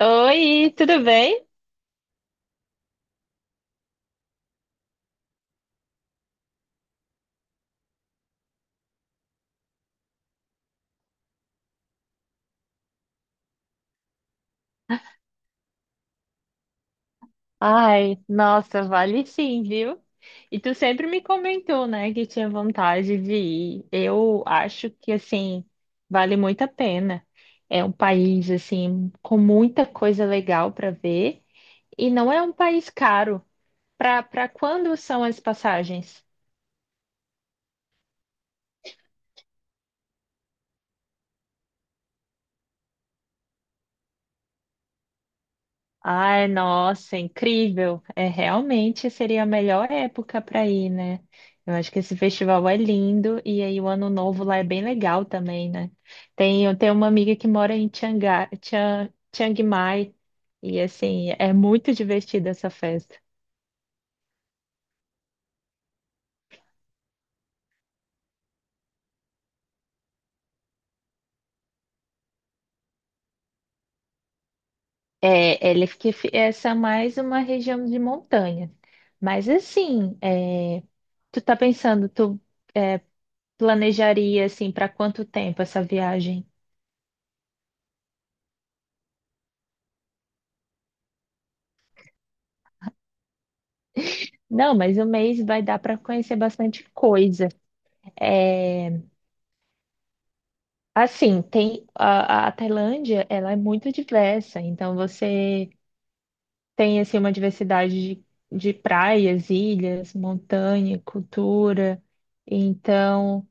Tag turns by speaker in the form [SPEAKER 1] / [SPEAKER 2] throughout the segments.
[SPEAKER 1] Oi, tudo bem? Ai, nossa, vale sim, viu? E tu sempre me comentou, né, que tinha vontade de ir. Eu acho que, assim, vale muito a pena. É um país, assim, com muita coisa legal para ver e não é um país caro. Para quando são as passagens? Ai, nossa, incrível. É realmente seria a melhor época para ir, né? Eu acho que esse festival é lindo e aí o ano novo lá é bem legal também, né? Tem, eu tenho uma amiga que mora em Chiang Mai e assim, é muito divertida essa festa. É, essa é mais uma região de montanha. Mas assim, tu tá pensando, tu é, planejaria assim para quanto tempo essa viagem? Não, mas um mês vai dar para conhecer bastante coisa. É, assim, tem a Tailândia, ela é muito diversa, então você tem assim uma diversidade de praias, ilhas, montanha, cultura. Então,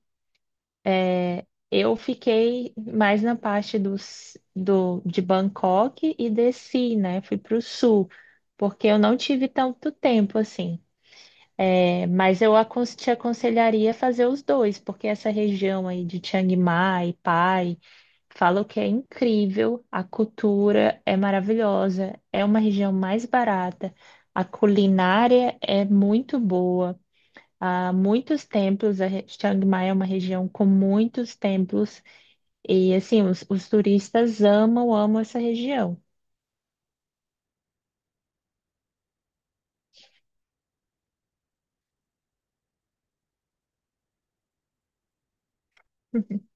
[SPEAKER 1] eu fiquei mais na parte de Bangkok e desci, né? Fui para o sul, porque eu não tive tanto tempo assim. É, mas eu te aconselharia a fazer os dois, porque essa região aí de Chiang Mai, Pai, falam que é incrível, a cultura é maravilhosa, é uma região mais barata, a culinária é muito boa, há muitos templos, Chiang Mai é uma região com muitos templos, e assim, os turistas amam, amam essa região.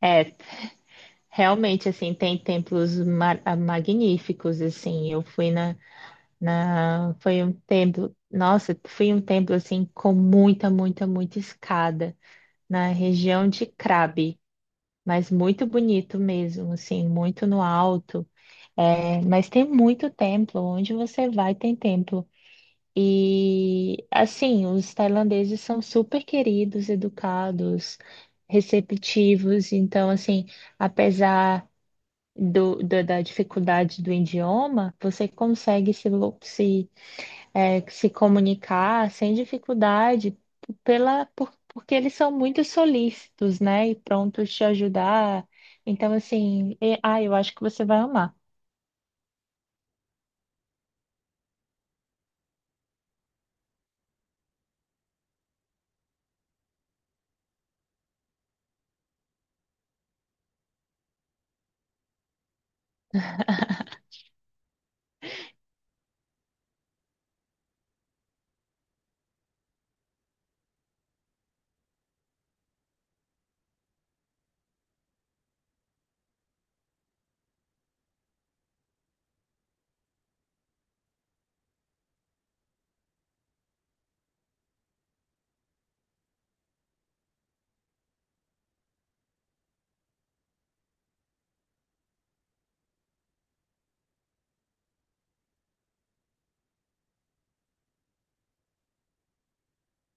[SPEAKER 1] É, realmente, assim, tem templos magníficos, assim, eu fui foi um tempo, nossa, foi um templo assim com muita, muita, muita escada na região de Krabi, mas muito bonito mesmo, assim, muito no alto. É, mas tem muito templo, onde você vai tem templo. E assim, os tailandeses são super queridos, educados, receptivos, então assim, apesar da dificuldade do idioma, você consegue se, lo- se é, se comunicar sem dificuldade, porque eles são muito solícitos, né? E prontos te ajudar. Então, assim, eu acho que você vai amar.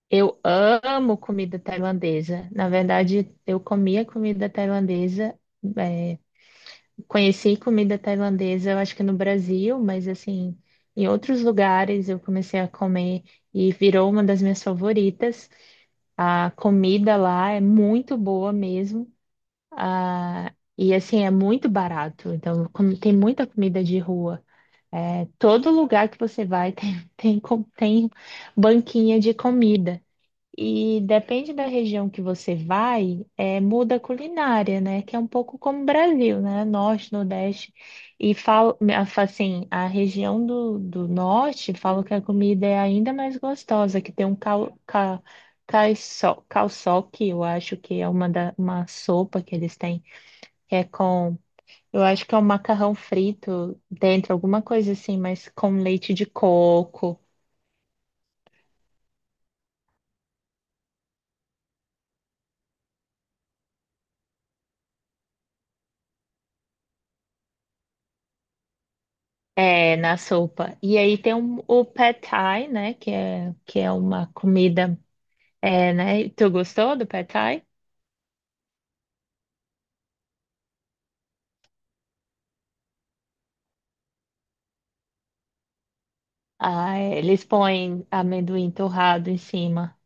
[SPEAKER 1] Eu amo comida tailandesa. Na verdade, eu comia comida tailandesa, é, conheci comida tailandesa, eu acho que no Brasil, mas assim, em outros lugares eu comecei a comer e virou uma das minhas favoritas. A comida lá é muito boa mesmo. Ah, e assim, é muito barato. Então, como tem muita comida de rua. É, todo lugar que você vai tem banquinha de comida. E depende da região que você vai, muda a culinária, né? Que é um pouco como o Brasil, né? Norte, Nordeste. E falo, assim, a região do Norte, falo que a comida é ainda mais gostosa, que tem um Calçoque, eu acho que é uma sopa que eles têm que é com, eu acho que é um macarrão frito dentro, alguma coisa assim, mas com leite de coco, na sopa. E aí tem o pad thai, né, que é uma comida. Né, tu gostou do pad thai? Ah, é, eles põem amendoim torrado em cima.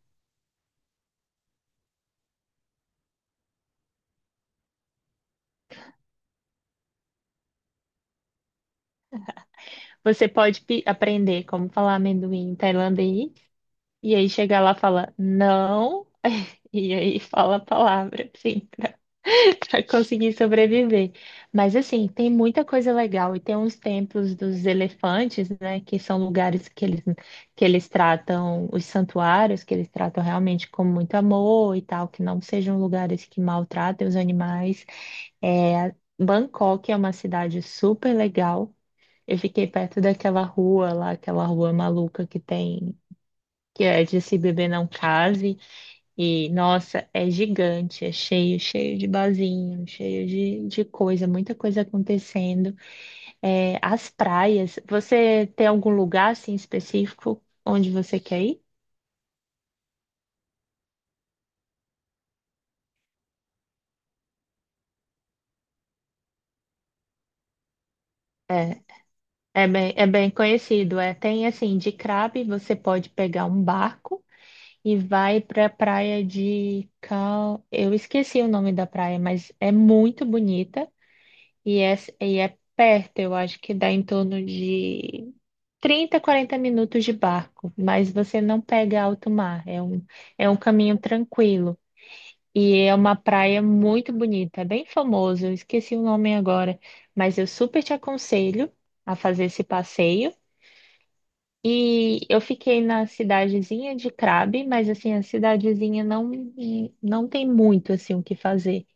[SPEAKER 1] Você pode aprender como falar amendoim em tailandês. E aí chega lá e fala não, e aí fala a palavra, assim, pra, pra conseguir sobreviver. Mas assim, tem muita coisa legal e tem uns templos dos elefantes, né, que são lugares que eles tratam, os santuários, que eles tratam realmente com muito amor e tal, que não sejam lugares que maltratem os animais. É, Bangkok é uma cidade super legal. Eu fiquei perto daquela rua lá, aquela rua maluca que tem que é de se beber não case, e nossa, é gigante, é cheio, cheio de barzinho, cheio de coisa, muita coisa acontecendo. É, as praias, você tem algum lugar assim específico onde você quer ir? É, é bem conhecido. É, tem assim, de Crabe você pode pegar um barco e vai para a praia. Eu esqueci o nome da praia, mas é muito bonita. E é, e é perto, eu acho que dá em torno de 30, 40 minutos de barco, mas você não pega alto mar, é um caminho tranquilo. E é uma praia muito bonita, é bem famoso, eu esqueci o nome agora, mas eu super te aconselho a fazer esse passeio. E eu fiquei na cidadezinha de Crabe, mas assim, a cidadezinha não tem muito assim o que fazer.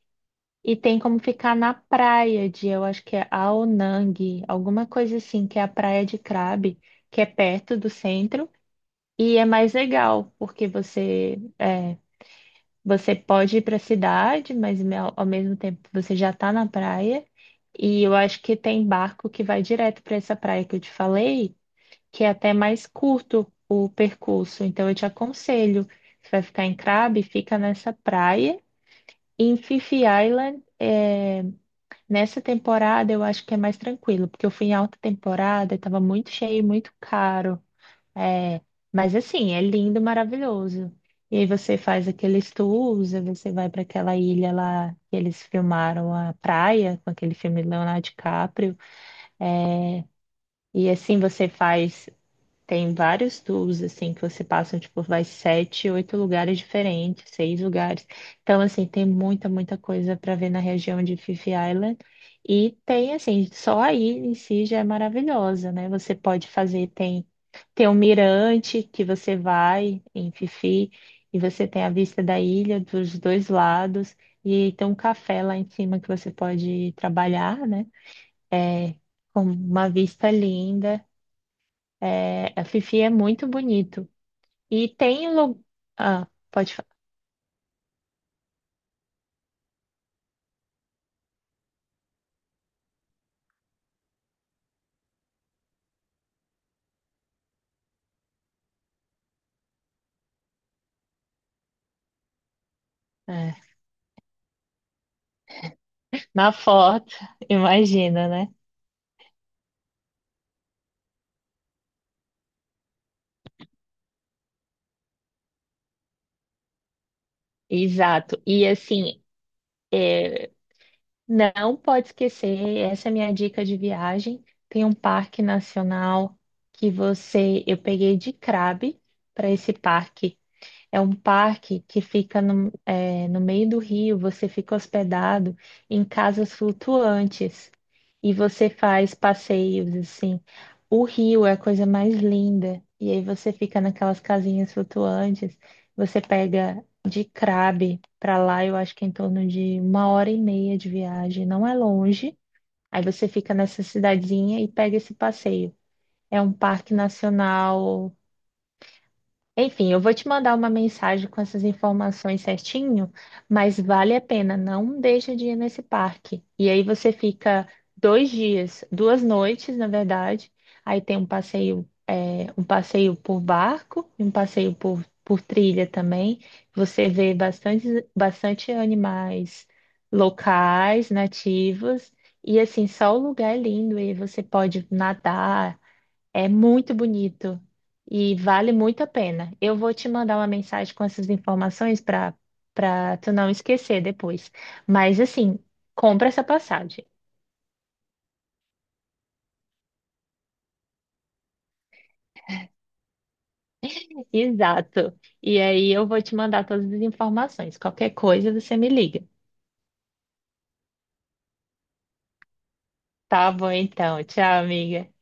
[SPEAKER 1] E tem como ficar na praia de, eu acho que é Aonang, alguma coisa assim, que é a praia de Krabi, que é perto do centro, e é mais legal, porque você pode ir para a cidade, mas ao mesmo tempo você já está na praia, e eu acho que tem barco que vai direto para essa praia que eu te falei, que é até mais curto o percurso, então eu te aconselho, você vai ficar em Krabi, fica nessa praia, e em Fifi Island, nessa temporada eu acho que é mais tranquilo, porque eu fui em alta temporada e tava muito cheio, e muito caro. É, mas assim, é lindo, maravilhoso. E aí você faz aqueles tours, aí você vai para aquela ilha lá que eles filmaram a praia, com aquele filme Leonardo DiCaprio. E assim você faz tem vários tours, assim, que você passa, tipo, vai 7, 8 lugares diferentes, 6 lugares. Então, assim, tem muita, muita coisa para ver na região de Fifi Island. E tem, assim, só aí em si já é maravilhosa, né? Você pode fazer, tem um mirante que você vai em Fifi e você tem a vista da ilha dos dois lados. E tem um café lá em cima que você pode trabalhar, né? É, com uma vista linda. É, a Fifi é muito bonito. E tem lugar. Ah, pode falar. É, na foto, imagina, né? Exato. E assim, não pode esquecer, essa é a minha dica de viagem. Tem um parque nacional que você. Eu peguei de Crabe para esse parque. É um parque que fica no meio do rio, você fica hospedado em casas flutuantes e você faz passeios assim. O rio é a coisa mais linda, e aí você fica naquelas casinhas flutuantes, você pega de Crabe para lá, eu acho que é em torno de uma hora e meia de viagem, não é longe. Aí você fica nessa cidadezinha e pega esse passeio. É um parque nacional. Enfim, eu vou te mandar uma mensagem com essas informações certinho, mas vale a pena, não deixa de ir nesse parque. E aí você fica 2 dias, 2 noites, na verdade. Aí tem um passeio, um passeio por barco e um passeio por trilha também. Você vê bastante, bastante animais locais, nativos, e assim, só o lugar é lindo, e aí você pode nadar. É muito bonito e vale muito a pena. Eu vou te mandar uma mensagem com essas informações para tu não esquecer depois. Mas assim, compra essa passagem. Exato. E aí eu vou te mandar todas as informações. Qualquer coisa você me liga. Tá bom então. Tchau, amiga.